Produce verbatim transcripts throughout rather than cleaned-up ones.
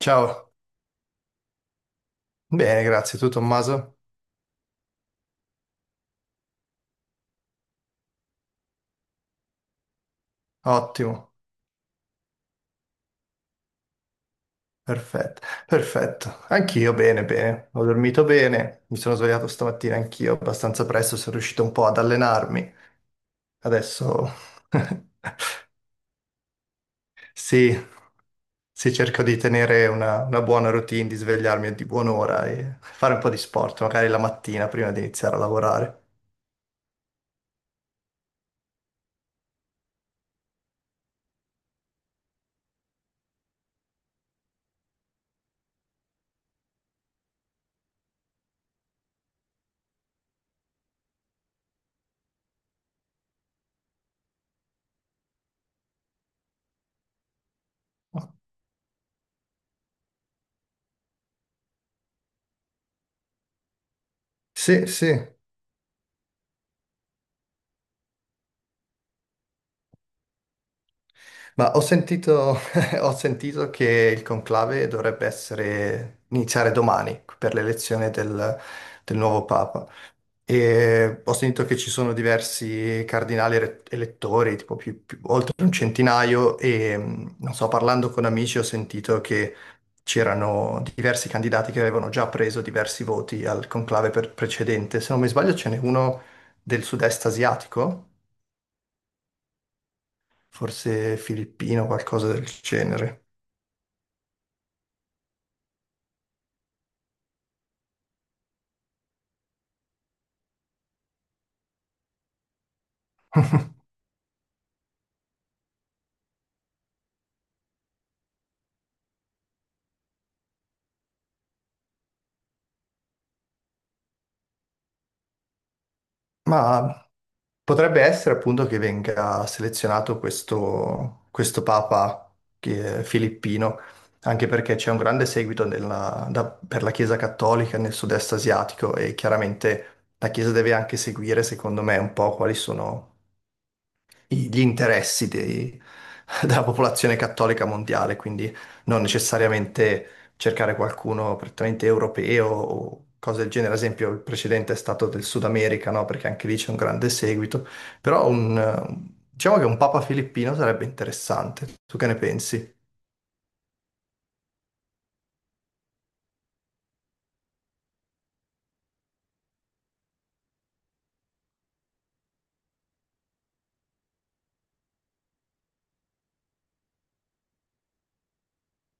Ciao, bene, grazie. Tu Tommaso? Ottimo, perfetto, perfetto. Anch'io bene, bene. Ho dormito bene, mi sono svegliato stamattina anch'io abbastanza presto, sono riuscito un po' ad allenarmi. Adesso sì, sì, cerco di tenere una, una buona routine, di svegliarmi a di buon'ora e fare un po' di sport, magari la mattina prima di iniziare a lavorare. Sì, sì. Ma ho sentito, ho sentito che il conclave dovrebbe essere, iniziare domani per l'elezione del, del nuovo Papa. E ho sentito che ci sono diversi cardinali re- elettori, tipo più- più- oltre un centinaio, e mh, non so, parlando con amici ho sentito che c'erano diversi candidati che avevano già preso diversi voti al conclave per- precedente. Se non mi sbaglio, ce n'è uno del sud-est asiatico, forse filippino, qualcosa del genere. Ma potrebbe essere appunto che venga selezionato questo, questo papa che è filippino, anche perché c'è un grande seguito nella- da- per la Chiesa cattolica nel sud-est asiatico e chiaramente la Chiesa deve anche seguire, secondo me, un po' quali sono i- gli interessi dei- della popolazione cattolica mondiale, quindi non necessariamente cercare qualcuno prettamente europeo o cose del genere. Ad esempio, il precedente è stato del Sud America, no? Perché anche lì c'è un grande seguito. Però un, eh, diciamo che un Papa filippino sarebbe interessante. Tu che ne pensi?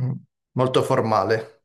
Mm. Molto formale.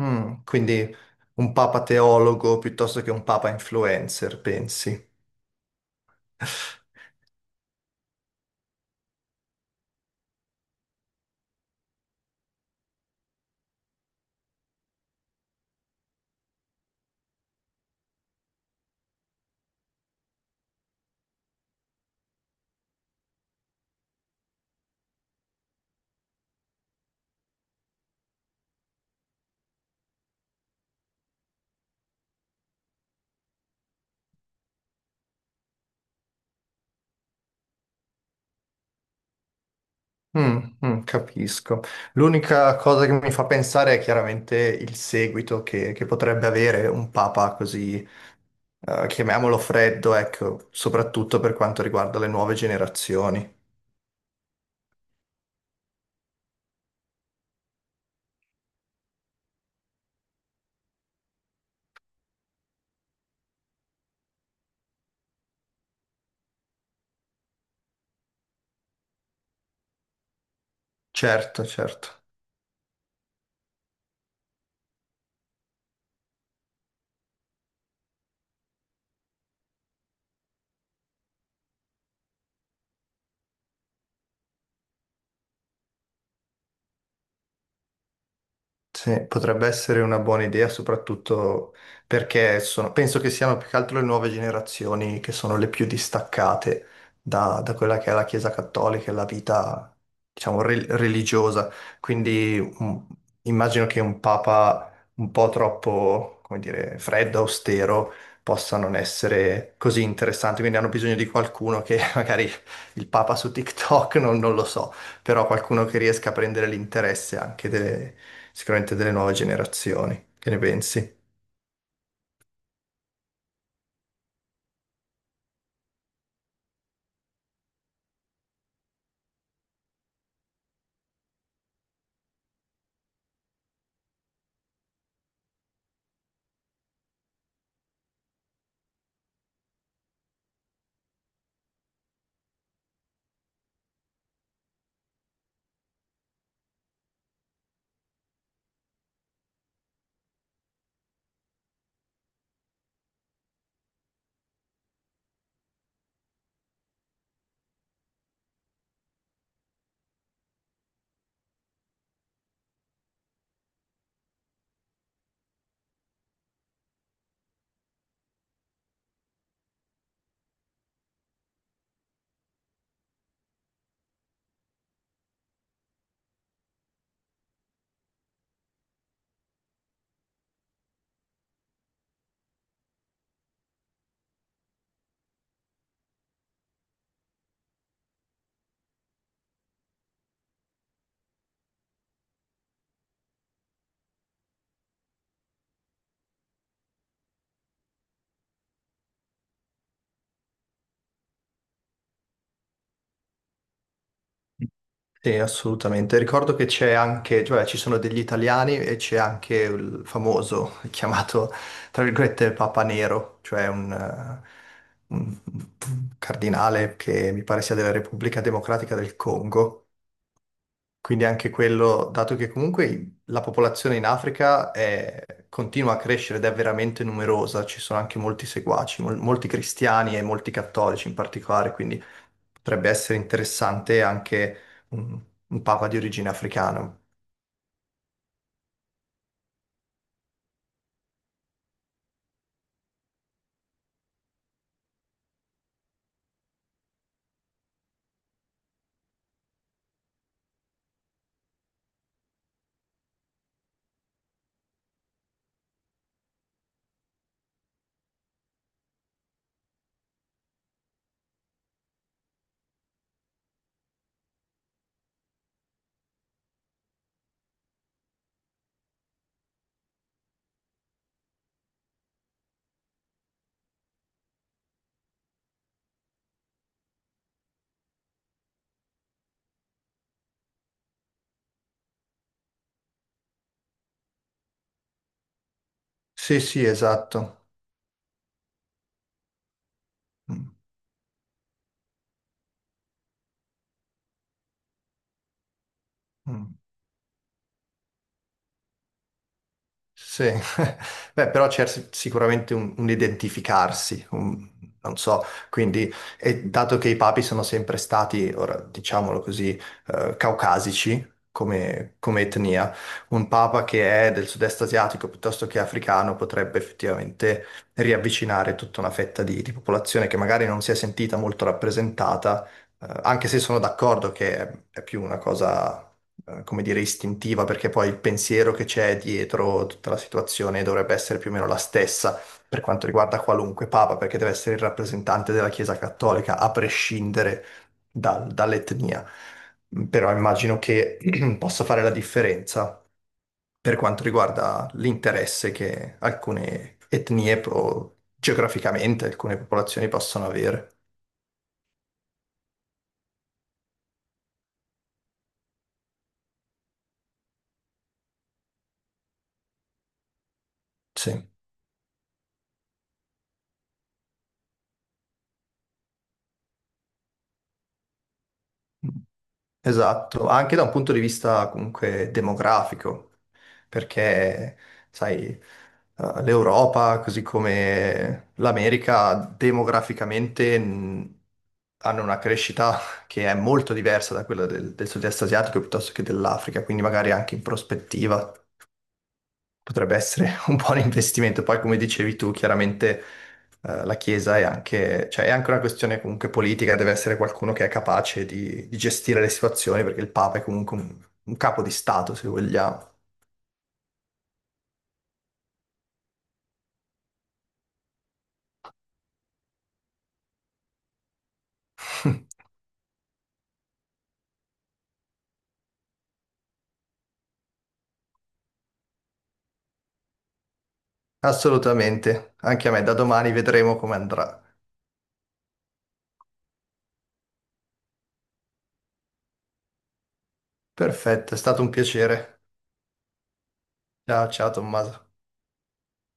Mm, Quindi un Papa teologo piuttosto che un Papa influencer, pensi? Mm, mm, capisco. L'unica cosa che mi fa pensare è chiaramente il seguito che, che potrebbe avere un papa così, eh, chiamiamolo freddo, ecco, soprattutto per quanto riguarda le nuove generazioni. Certo, certo. Sì, potrebbe essere una buona idea, soprattutto perché sono- penso che siano più che altro le nuove generazioni che sono le più distaccate da, da quella che è la Chiesa Cattolica e la vita, diciamo, re- religiosa. Quindi mm, immagino che un papa un po' troppo, come dire, freddo, austero, possa non essere così interessante. Quindi hanno bisogno di qualcuno che magari il papa su TikTok, non non lo so però qualcuno che riesca a prendere l'interesse anche delle, sicuramente delle nuove generazioni. Che ne pensi? Sì, assolutamente. Ricordo che c'è anche, cioè ci sono degli italiani e c'è anche il famoso chiamato, tra virgolette, Papa Nero, cioè un, eh, un- un cardinale che mi pare sia della Repubblica Democratica del Congo. Quindi anche quello, dato che comunque la popolazione in Africa è- continua a crescere ed è veramente numerosa, ci sono anche molti seguaci, mol- molti cristiani e molti cattolici in particolare, quindi potrebbe essere interessante anche un, un papa di origine africana. Sì, sì, esatto. Mm, mm. Sì, beh, però c'è sic- sicuramente un, un identificarsi, un- non so, quindi, e dato che i papi sono sempre stati, ora diciamolo così, eh, caucasici come, come etnia, un papa che è del sud-est asiatico piuttosto che africano potrebbe effettivamente riavvicinare tutta una fetta di, di popolazione che magari non si è sentita molto rappresentata eh, anche se sono d'accordo che è è più una cosa, eh, come dire, istintiva, perché poi il pensiero che c'è dietro tutta la situazione dovrebbe essere più o meno la stessa per quanto riguarda qualunque papa, perché deve essere il rappresentante della Chiesa Cattolica, a prescindere dal- dall'etnia. Però immagino che possa fare la differenza per quanto riguarda l'interesse che alcune etnie, pro- geograficamente, alcune popolazioni possono avere. Sì. Esatto, anche da un punto di vista comunque demografico, perché, sai, eh, l'Europa, così come l'America, demograficamente mh, hanno una crescita che è molto diversa da quella del, del sud-est asiatico piuttosto che dell'Africa, quindi magari anche in prospettiva potrebbe essere un buon investimento. Poi, come dicevi tu, chiaramente eh, la Chiesa è anche, cioè, è anche una questione comunque politica, deve essere qualcuno che è capace di, di gestire le situazioni, perché il Papa è comunque un, un capo di Stato, se vogliamo. Assolutamente, anche a me, da domani vedremo come andrà. Perfetto, è stato un piacere. Ciao, ciao Tommaso.